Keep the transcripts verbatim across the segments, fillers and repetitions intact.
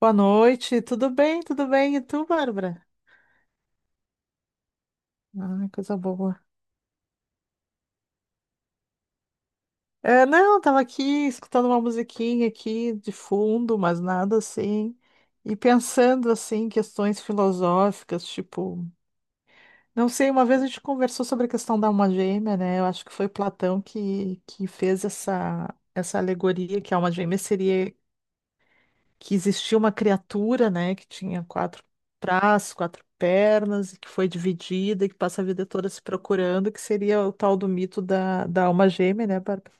Boa noite, tudo bem? Tudo bem? E tu, Bárbara? Ah, coisa boa. É, não, tava aqui escutando uma musiquinha aqui de fundo, mas nada assim. E pensando assim em questões filosóficas, tipo, não sei, uma vez a gente conversou sobre a questão da alma gêmea, né? Eu acho que foi Platão que, que fez essa essa alegoria, que a alma gêmea seria, que existia uma criatura, né, que tinha quatro braços, quatro pernas, e que foi dividida, e que passa a vida toda se procurando, que seria o tal do mito da, da alma gêmea, né, Bárbara?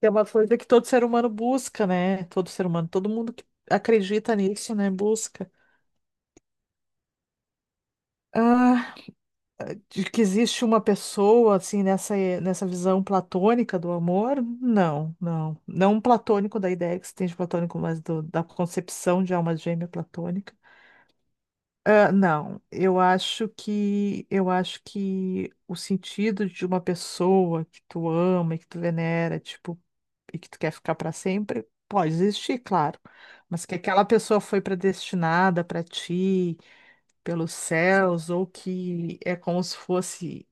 Que é uma coisa que todo ser humano busca, né? Todo ser humano, todo mundo que acredita nisso, né, busca. Ah, de que existe uma pessoa, assim, nessa, nessa visão platônica do amor? Não, não. Não um platônico da ideia que se tem de platônico, mas do- da concepção de alma gêmea platônica. Ah, não, eu acho que eu acho que o sentido de uma pessoa que tu ama e que tu venera, tipo, e que tu quer ficar para sempre, pode existir, claro. Mas que aquela pessoa foi predestinada para ti, pelos céus, ou que é como se fosse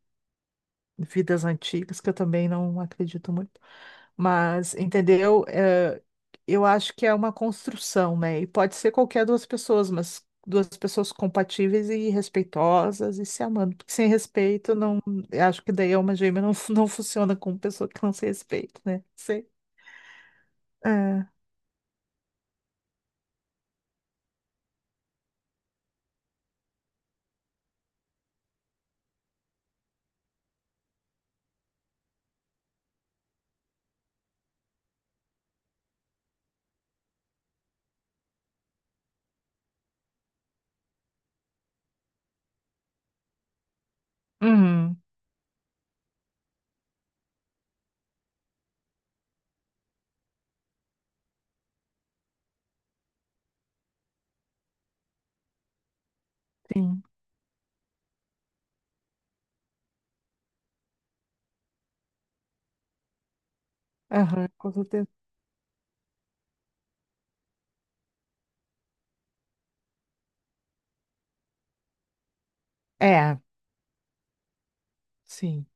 vidas antigas, que eu também não acredito muito. Mas, entendeu? É, eu acho que é uma construção, né? E pode ser qualquer duas pessoas, mas duas pessoas compatíveis e respeitosas e se amando. Porque sem respeito, não, eu acho que daí é uma gêmea não, não funciona com pessoa que não se respeita, né? Sei. É. Uhum, sim. Aham, com certeza. É, sim.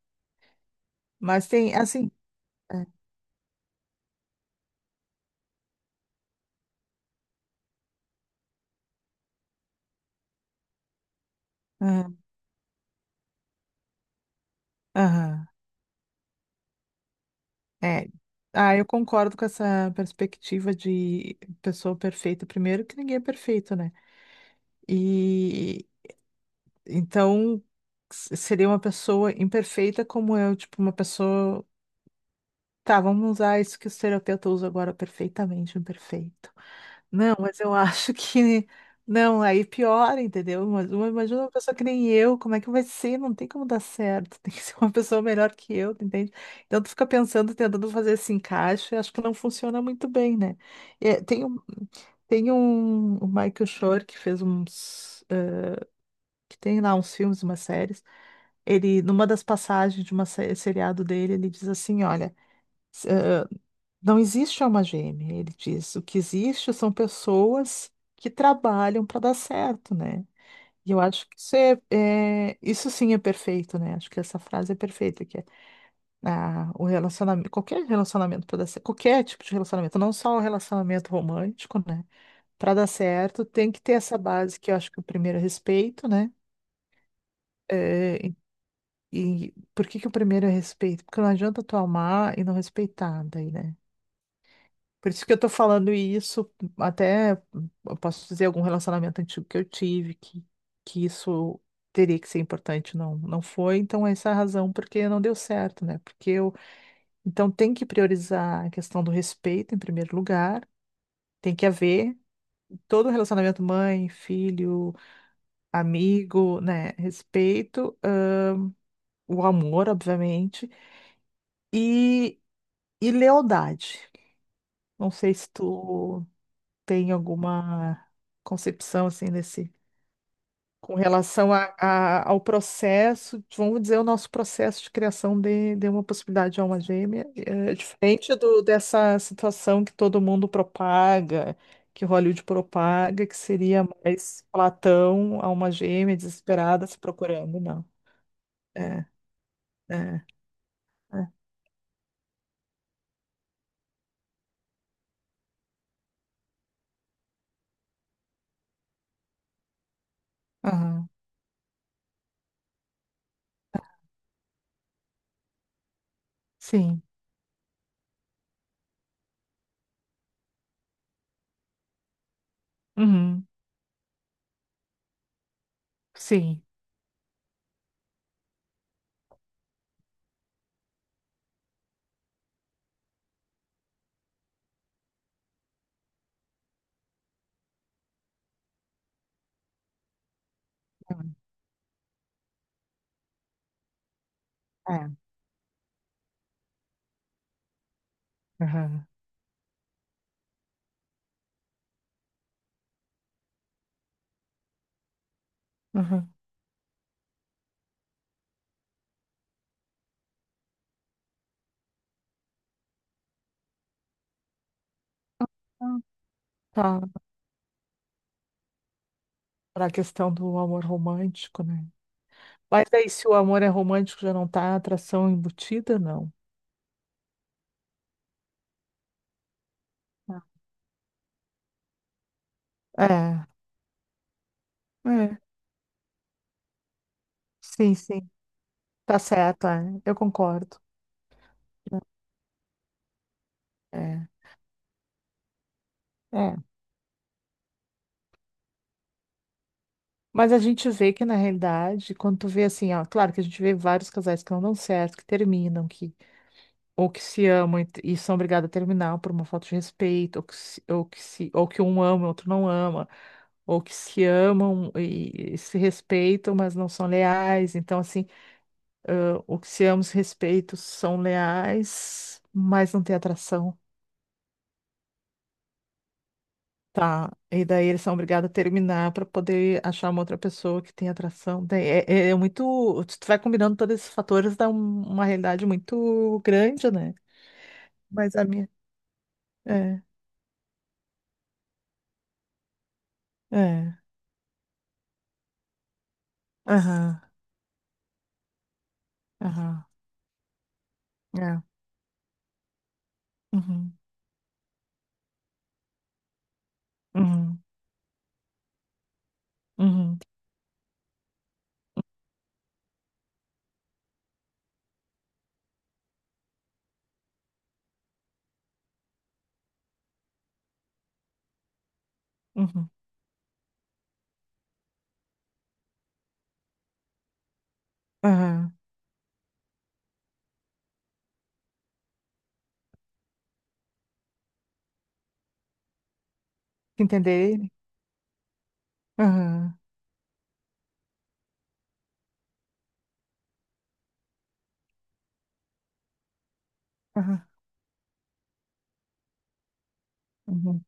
Mas tem, assim. É. Aham. Aham, é. Ah, eu concordo com essa perspectiva de pessoa perfeita. Primeiro, que ninguém é perfeito, né? E então s- seria uma pessoa imperfeita como eu, tipo, uma pessoa. Tá, vamos usar isso que os terapeutas usam agora, perfeitamente imperfeito. Não, mas eu acho que. Não, aí piora, entendeu? Mas uma- imagina uma pessoa que nem eu, como é que vai ser? Não tem como dar certo. Tem que ser uma pessoa melhor que eu, tu entende? Então tu fica pensando, tentando fazer esse encaixe, acho que não funciona muito bem, né? É, tem um, tem um, o Michael Shore, que fez uns, que tem lá uns filmes, umas séries. Ele, numa das passagens de uma sé- seriado dele, ele diz assim: Olha, s- eh, não existe alma gêmea. Ele diz: O que existe são pessoas que trabalham para dar certo, né? E eu acho que isso é, é- isso sim é perfeito, né? Acho que essa frase é perfeita, que é, ah, o relacionamento, qualquer relacionamento para dar certo, qualquer tipo de relacionamento, não só o relacionamento romântico, né? Para dar certo, tem que ter essa base que eu acho que é, o primeiro é respeito, né? Eh, E por que que o primeiro é respeito? Porque não adianta tu amar e não respeitar daí, né? Por isso que eu tô falando isso, até eu posso dizer algum relacionamento antigo que eu tive, que, que isso teria que ser importante, não, não foi, então essa é a razão porque não deu certo, né? Porque eu, então tem que priorizar a questão do respeito em primeiro lugar, tem que haver, todo relacionamento, mãe, filho, amigo, né? Respeito, ah, o amor, obviamente, e, e lealdade. Não sei se tu tem alguma concepção assim desse, com relação a, a- ao processo, vamos dizer, o nosso processo de criação de, de uma possibilidade de alma gêmea, é diferente do, dessa situação que todo mundo propaga, que Hollywood propaga, que seria mais Platão, alma gêmea, desesperada, se procurando, não. É, é, é. Aham. Sim. Uhum. Sim. Uhum. É. Aham. Aham. Ah, tá. Para a questão do amor romântico, né? Mas aí, se o amor é romântico, já não tá a atração embutida, não. É, é, sim, sim, tá certo, é, eu concordo. É, é. Mas a gente vê que na realidade, quando tu vê assim, ó, claro que a gente vê vários casais que não dão certo, que terminam, que ou que se amam e, e são obrigados a terminar por uma falta de respeito, ou que se, ou que se, ou que um ama e o outro não ama, ou que se amam e, e se respeitam, mas não são leais. Então, assim, o que se ambos respeitos são leais, mas não tem atração. Tá. E daí eles são obrigados a terminar para poder achar uma outra pessoa que tem atração. Daí É, é é muito. Tu vai combinando todos esses fatores, dá um- uma realidade muito grande, né? Mas a minha. É, é. Aham, aham. É. Uhum, uhum, uhum, uhum, aham. Entender ele? Aham, aham, uhum,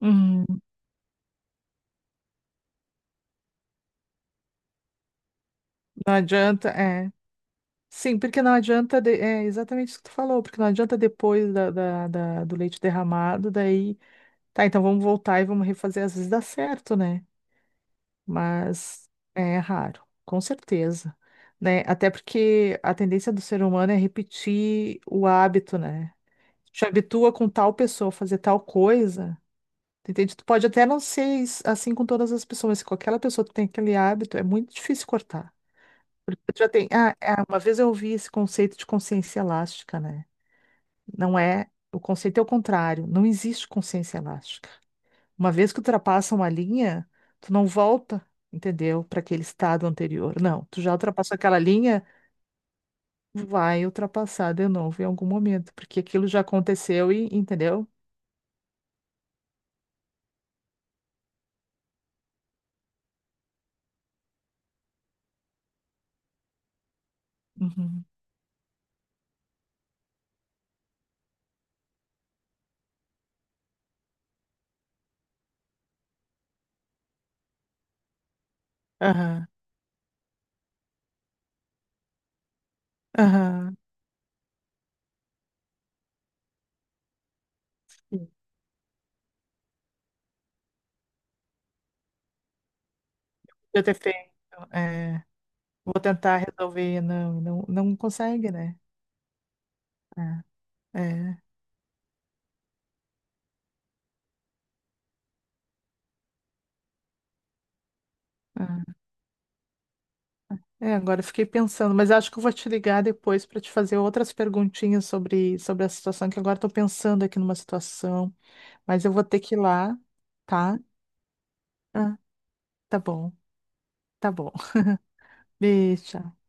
uhum. Não adianta, é. Sim, porque não adianta, de- é exatamente isso que tu falou, porque não adianta depois da, da- da- do leite derramado, daí, tá, então vamos voltar e vamos refazer, às vezes dá certo, né? Mas é raro, com certeza, né? Até porque a tendência do ser humano é repetir o hábito, né? Te habitua com tal pessoa a fazer tal coisa, tu entende? Tu pode até não ser is- assim com todas as pessoas, mas se com aquela pessoa tu tem aquele hábito, é muito difícil cortar. Porque já tem, ah, ah, uma vez eu ouvi esse conceito de consciência elástica, né? Não é, o conceito é o contrário, não existe consciência elástica. Uma vez que ultrapassa uma linha, tu não volta, entendeu? Para aquele estado anterior. Não, tu já ultrapassou aquela linha, vai ultrapassar de novo em algum momento, porque aquilo já aconteceu e, entendeu? Uhum. Aham, aham. Sim. Eu ter feito, é, vou tentar resolver, não, não, não consegue, né? É, é, é. É, agora eu fiquei pensando, mas acho que eu vou te ligar depois para te fazer outras perguntinhas sobre, sobre a situação, que agora estou pensando aqui numa situação, mas eu vou ter que ir lá, tá? Ah, tá bom, tá bom. Beijo. Tchau.